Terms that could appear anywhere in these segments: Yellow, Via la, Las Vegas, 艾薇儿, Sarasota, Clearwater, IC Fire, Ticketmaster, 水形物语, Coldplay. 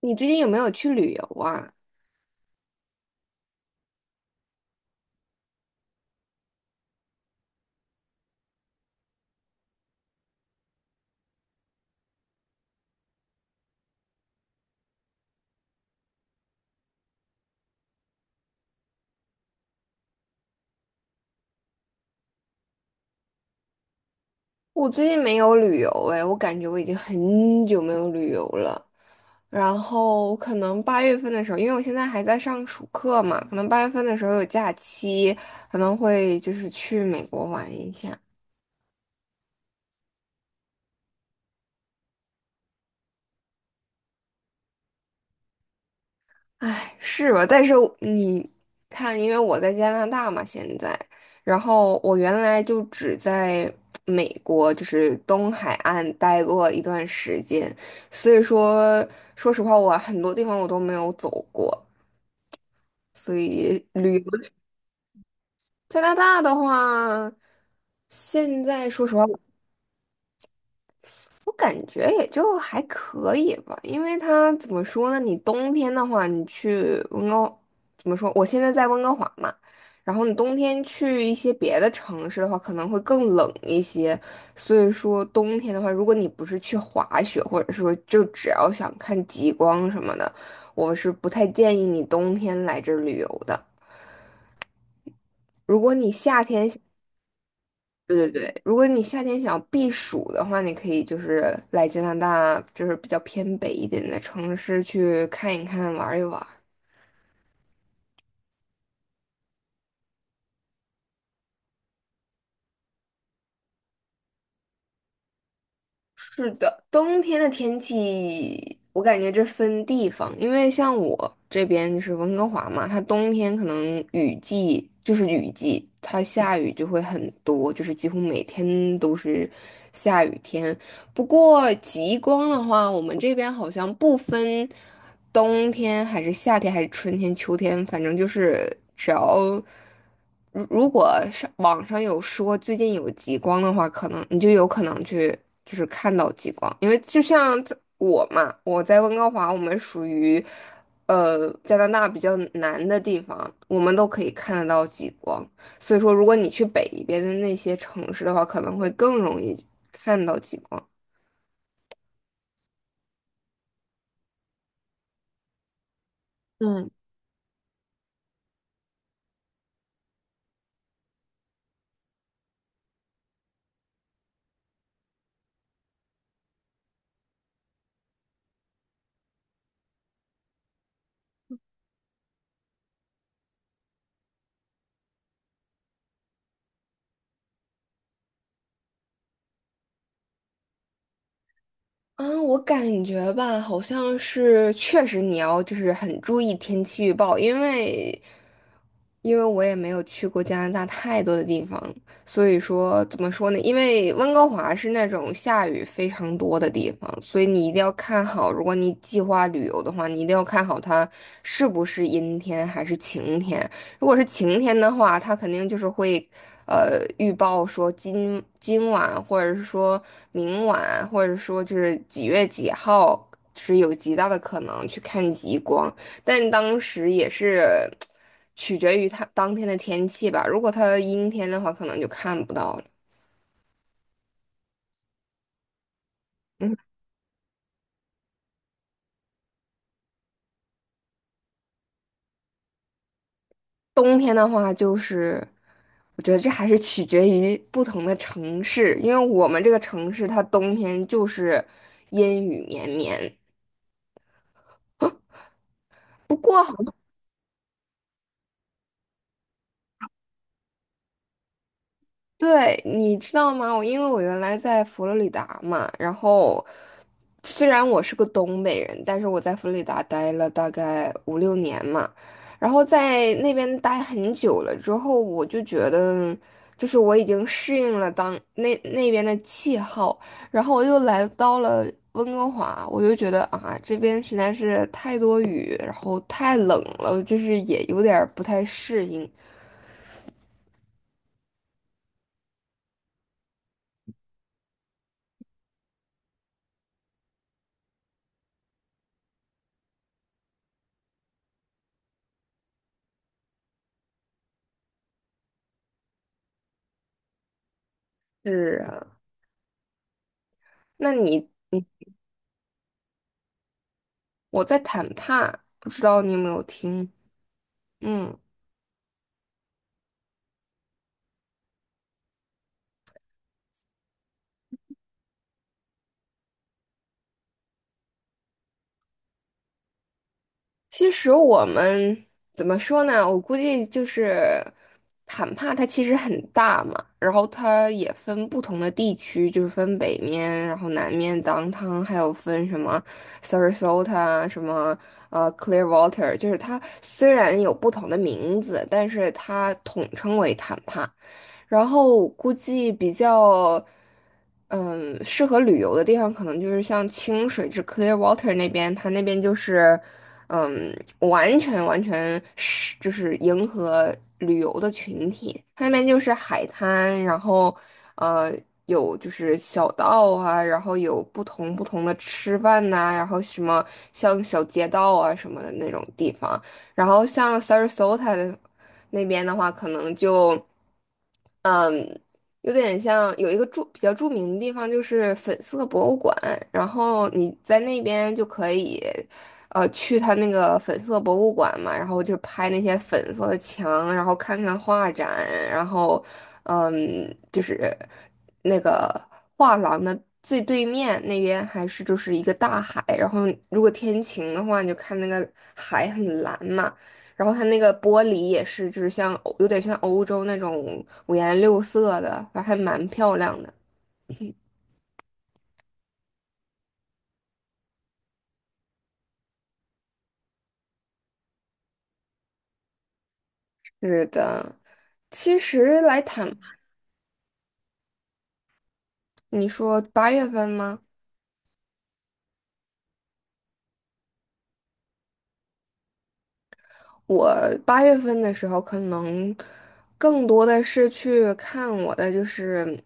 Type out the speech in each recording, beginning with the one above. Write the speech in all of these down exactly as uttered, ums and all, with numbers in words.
你最近有没有去旅游啊？我最近没有旅游哎，我感觉我已经很久没有旅游了。然后可能八月份的时候，因为我现在还在上暑课嘛，可能八月份的时候有假期，可能会就是去美国玩一下。唉，是吧？但是你看，因为我在加拿大嘛，现在，然后我原来就只在美国，就是东海岸待过一段时间，所以说，说实话，我很多地方我都没有走过，所以旅游。加拿大的话，现在说实话。我感觉也就还可以吧，因为它怎么说呢？你冬天的话，你去温哥，怎么说？我现在在温哥华嘛，然后你冬天去一些别的城市的话，可能会更冷一些。所以说，冬天的话，如果你不是去滑雪，或者说就只要想看极光什么的，我是不太建议你冬天来这儿旅游的。如果你夏天对对对，如果你夏天想避暑的话，你可以就是来加拿大，就是比较偏北一点的城市去看一看、玩一玩。是的，冬天的天气，我感觉这分地方，因为像我这边就是温哥华嘛，它冬天可能雨季就是雨季，它下雨就会很多，就是几乎每天都是下雨天。不过极光的话，我们这边好像不分冬天还是夏天还是春天、秋天，反正就是只要如如果上网上有说最近有极光的话，可能你就有可能去就是看到极光，因为就像在我嘛，我在温哥华，我们属于呃加拿大比较南的地方，我们都可以看得到极光。所以说，如果你去北边的那些城市的话，可能会更容易看到极光。嗯，啊，我感觉吧，好像是确实你要就是很注意天气预报，因为因为我也没有去过加拿大太多的地方，所以说怎么说呢？因为温哥华是那种下雨非常多的地方，所以你一定要看好，如果你计划旅游的话，你一定要看好它是不是阴天还是晴天。如果是晴天的话，它肯定就是会，呃，预报说今今晚或者是说明晚，或者说就是几月几号是有极大的可能去看极光。但当时也是。取决于它当天的天气吧。如果它阴天的话，可能就看不到了。嗯，冬天的话，就是我觉得这还是取决于不同的城市，因为我们这个城市它冬天就是阴雨绵绵，对，你知道吗？我因为我原来在佛罗里达嘛，然后虽然我是个东北人，但是我在佛罗里达待了大概五六年嘛，然后在那边待很久了之后，我就觉得就是我已经适应了当那那边的气候，然后我又来到了温哥华，我就觉得啊，这边实在是太多雨，然后太冷了，就是也有点儿不太适应。是啊，那你？我在谈判，不知道你有没有听？嗯，其实我们怎么说呢？我估计就是坦帕，它其实很大嘛，然后它也分不同的地区，就是分北面，然后南面 downtown，还有分什么 Sarasota，什么呃 Clearwater，就是它虽然有不同的名字，但是它统称为坦帕。然后估计比较，嗯，适合旅游的地方，可能就是像清水，就是 Clearwater 那边，它那边就是。嗯，完全完全是就是迎合旅游的群体。它那边就是海滩，然后呃有就是小道啊，然后有不同不同的吃饭呐、然后什么像小街道啊什么的那种地方。然后像 Sarasota 的那边的话，可能就。有点像有一个著比较著名的地方就是粉色博物馆，然后你在那边就可以，呃，去它那个粉色博物馆嘛，然后就拍那些粉色的墙，然后看看画展，然后，嗯，就是那个画廊的最对面那边还是就是一个大海，然后如果天晴的话，你就看那个海很蓝嘛。然后它那个玻璃也是，就是像欧有点像欧洲那种五颜六色的，反正还蛮漂亮的。是的，其实来谈，你说八月份吗？我八月份的时候，可能更多的是去看我的，就是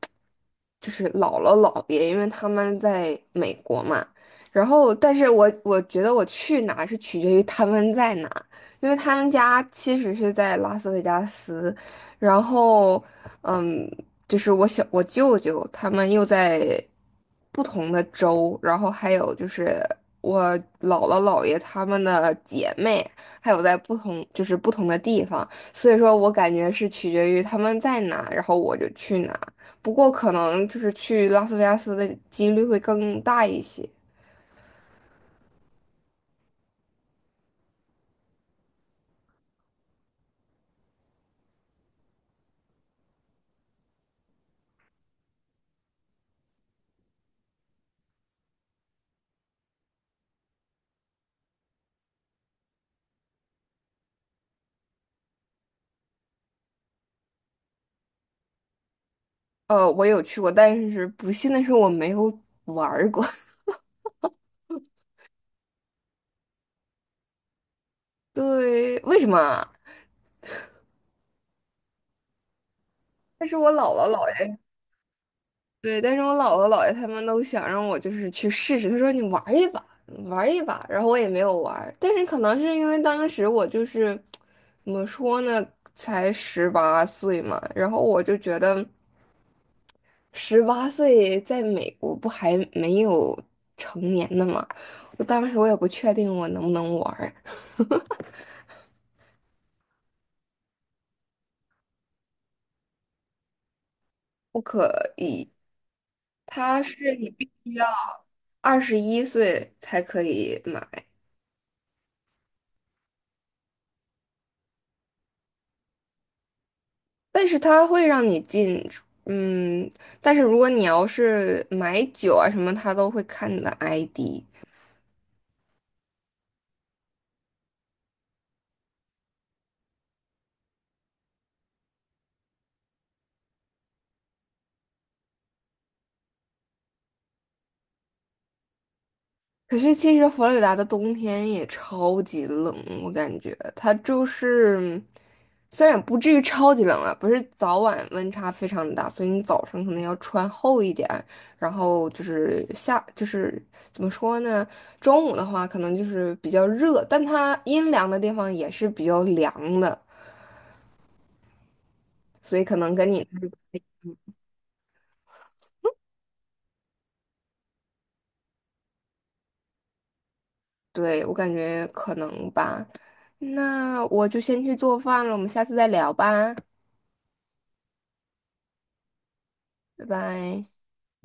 就是姥姥姥爷，因为他们在美国嘛。然后，但是我我觉得我去哪是取决于他们在哪，因为他们家其实是在拉斯维加斯，然后嗯，就是我小我舅舅他们又在不同的州，然后还有就是我姥姥姥爷他们的姐妹。还有在不同就是不同的地方，所以说我感觉是取决于他们在哪，然后我就去哪。不过可能就是去拉斯维加斯的几率会更大一些。呃，我有去过，但是不幸的是我没有玩儿过。对，为什么啊？但是我姥姥姥爷。对，但是我姥姥姥爷他们都想让我就是去试试，他说你玩儿一把，玩儿一把，然后我也没有玩儿但是可能是因为当时我就是怎么说呢，才十八岁嘛，然后我就觉得十八岁在美国不还没有成年呢嘛，我当时我也不确定我能不能玩儿不可以，它是你必须要二十一岁才可以买。但是它会让你进出嗯，但是如果你要是买酒啊什么，它都会看你的 I D。可是其实佛罗里达的冬天也超级冷，我感觉它就是虽然不至于超级冷啊，不是早晚温差非常大，所以你早上可能要穿厚一点，然后就是下就是怎么说呢，中午的话可能就是比较热，但它阴凉的地方也是比较凉的。所以可能跟你对，我感觉可能吧。那我就先去做饭了，我们下次再聊吧，拜拜。